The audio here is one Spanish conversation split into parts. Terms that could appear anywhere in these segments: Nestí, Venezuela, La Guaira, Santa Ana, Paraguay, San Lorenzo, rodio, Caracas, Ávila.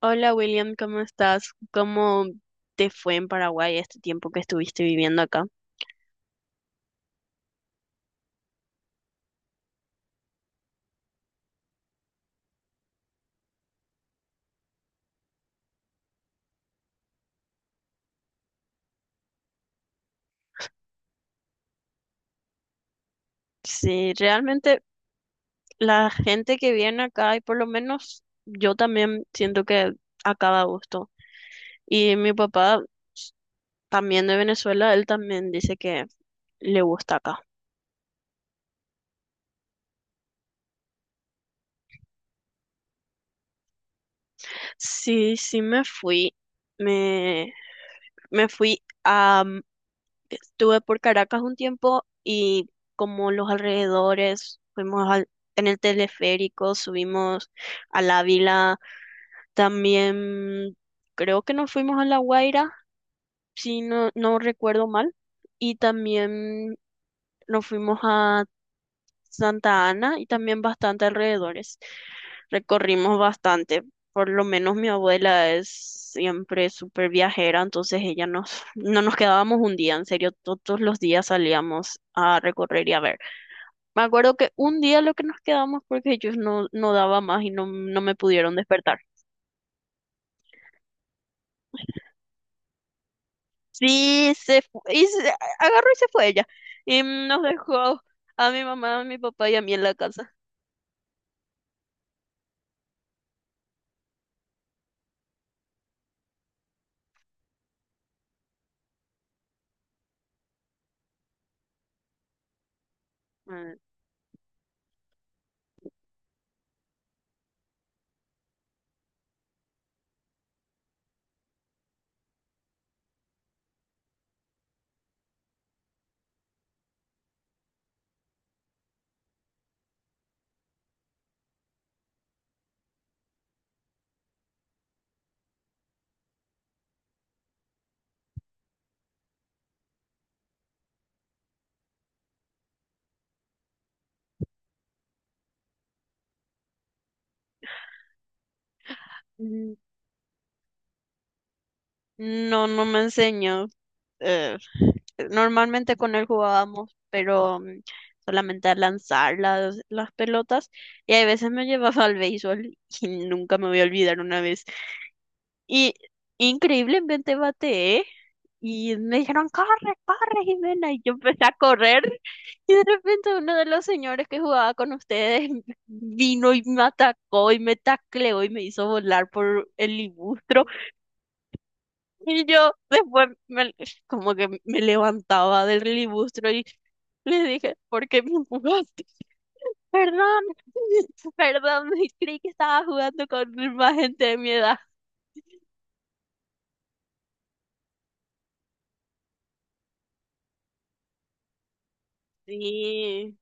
Hola William, ¿cómo estás? ¿Cómo te fue en Paraguay este tiempo que estuviste viviendo acá? Sí, realmente la gente que viene acá, y por lo menos yo también siento que acaba a gusto. Y mi papá también de Venezuela, él también dice que le gusta acá. Sí, sí me fui. Me, me fui. Estuve por Caracas un tiempo y como los alrededores, en el teleférico, subimos al Ávila, también creo que nos fuimos a La Guaira, si no, no recuerdo mal, y también nos fuimos a Santa Ana y también bastante alrededores. Recorrimos bastante. Por lo menos mi abuela es siempre súper viajera, entonces ella no nos quedábamos un día, en serio, todos los días salíamos a recorrer y a ver. Me acuerdo que un día lo que nos quedamos porque ellos no daba más y no me pudieron despertar. Sí, se fu- y se- agarró y se fue ella. Y nos dejó a mi mamá, a mi papá y a mí en la casa. Ah, mm. No, no me enseñó. eh, Normalmente con él jugábamos, pero solamente a lanzar las pelotas. Y hay veces me llevaba al béisbol y nunca me voy a olvidar una vez. Y increíblemente bateé. Y me dijeron, corre, corre, Jimena. Y yo empecé a correr. Y de repente uno de los señores que jugaba con ustedes vino y me atacó y me tacleó y me hizo volar por el libustro. Y yo como que me levantaba del libustro y le dije, ¿por qué me empujaste? Perdón, perdón, creí que estaba jugando con más gente de mi edad. Sí,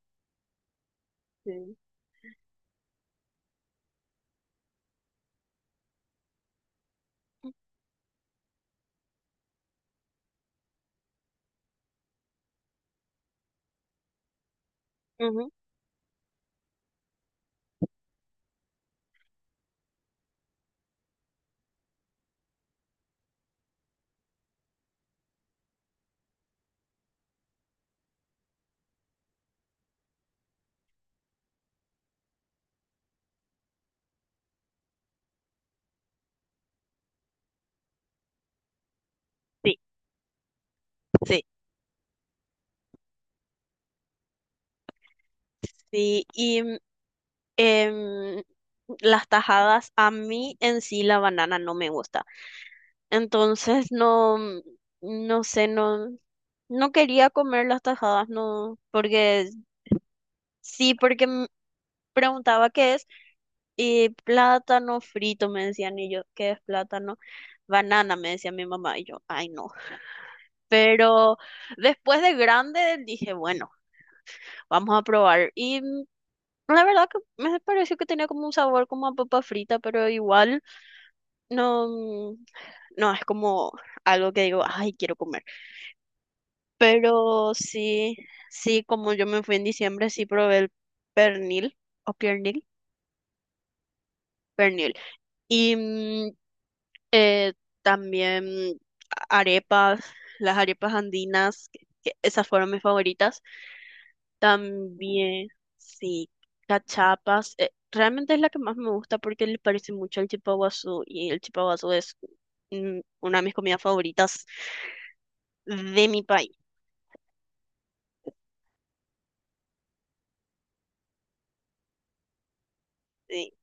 sí. Ujú. Sí, sí, sí. Y em, las tajadas, a mí en sí la banana no me gusta. Entonces no, no sé, no, no quería comer las tajadas, no, porque sí, porque me preguntaba qué es. Y plátano frito, me decían, y yo, ¿qué es plátano? Banana, me decía mi mamá, y yo, ay no. Pero después de grande dije, bueno, vamos a probar. Y la verdad que me pareció que tenía como un sabor como a papa frita, pero igual no, no es como algo que digo, ay, quiero comer. Pero sí, sí, como yo me fui en diciembre, sí probé el pernil, o piernil, pernil. Y Eh, también arepas, las arepas andinas, que esas fueron mis favoritas. También, sí, cachapas. Realmente es la que más me gusta porque le parece mucho al chipaguazú y el chipaguazú es, una de mis comidas favoritas de mi país. Sí,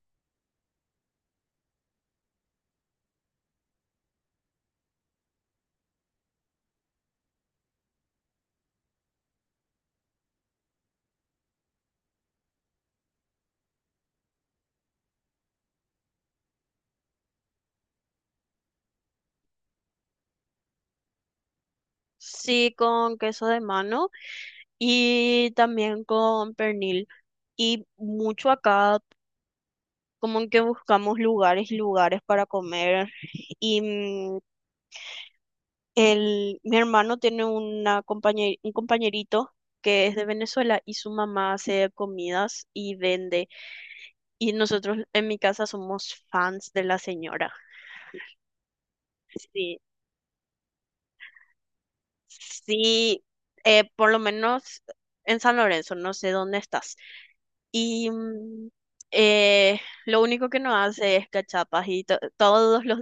sí, con queso de mano y también con pernil. Y mucho acá, como que buscamos lugares y lugares para comer. Y mi hermano tiene una un compañerito que es de Venezuela y su mamá hace comidas y vende. Y nosotros en mi casa somos fans de la señora. Sí, sí, por lo menos en San Lorenzo, no sé dónde estás. Y eh, lo único que nos hace es cachapas y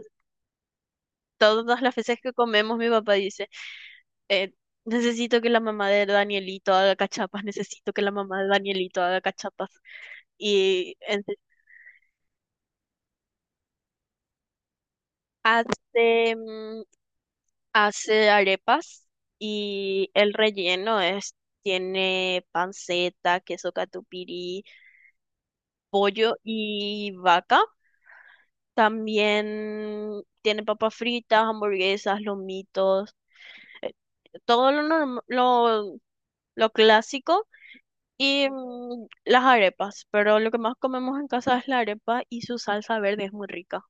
todas las veces que comemos, mi papá dice. eh, Necesito que la mamá de Danielito haga cachapas, necesito que la mamá de Danielito haga cachapas. Y ente- hace, mm, hace arepas y el relleno es, tiene panceta, queso catupirí, pollo y vaca. También tiene papas fritas, hamburguesas, lomitos, todo lo clásico. Y las arepas, pero lo que más comemos en casa es la arepa y su salsa verde es muy rica.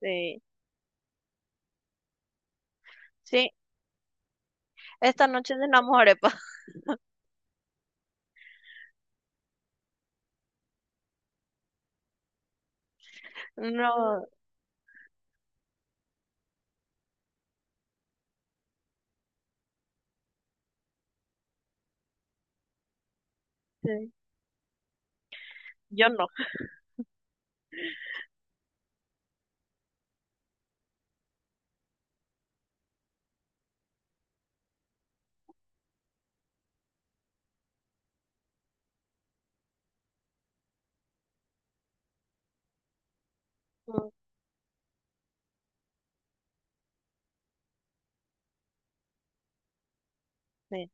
Sí, sí, esta noche cenamos arepa. No, sí, yo no. Mm. Sí.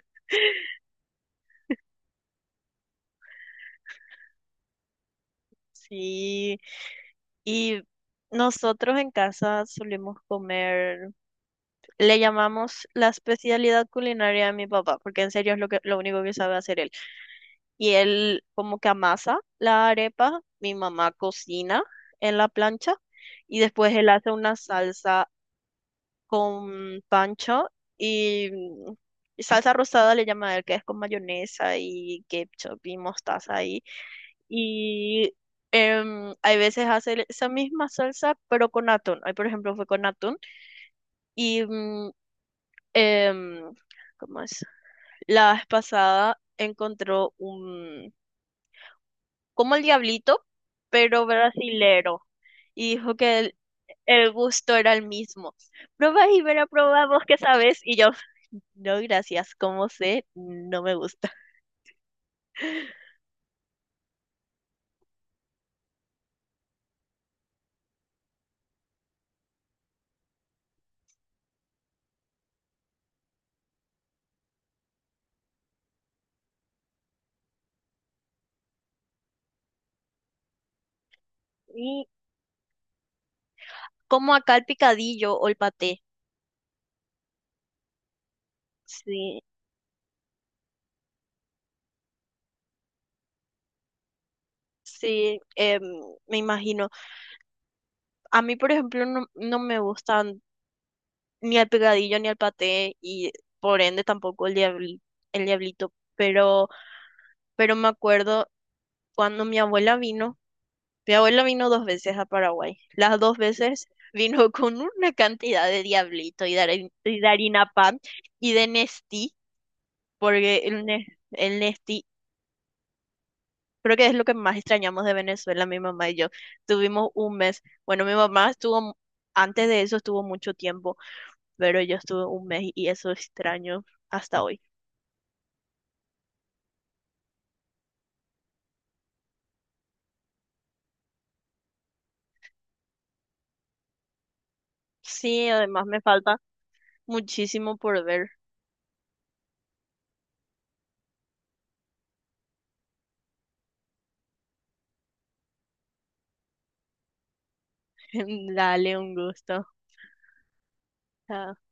Sí, y nosotros en casa solemos comer. Le llamamos la especialidad culinaria de mi papá, porque en serio es lo único que sabe hacer él. Y él como que amasa la arepa, mi mamá cocina en la plancha y después él hace una salsa con pancho y, mm, y salsa rosada le llama a él, que es con mayonesa y ketchup y mostaza y hay veces hace esa misma salsa pero con atún. Hoy por ejemplo fue con atún y em, ¿cómo es? La vez pasada encontró un, como el diablito, pero brasilero, y dijo que el gusto era el mismo. Probá y verá, probá vos que sabes, y yo, no, gracias, como sé, no me gusta. Y como acá el picadillo o el paté, sí, sí, me imagino. A mí, por ejemplo, no me gustan ni el picadillo ni el paté, y por ende tampoco el diablito, pero me acuerdo cuando mi abuela vino dos veces a Paraguay, las dos veces vino con una cantidad de diablito y y de harina pan y de Nestí, porque el Nestí creo que es lo que más extrañamos de Venezuela, mi mamá y yo. Tuvimos un mes, bueno, mi mamá estuvo, antes de eso estuvo mucho tiempo, pero yo estuve un mes y eso extraño hasta hoy. Sí, además me falta muchísimo por ver. Dale un gusto. Chao.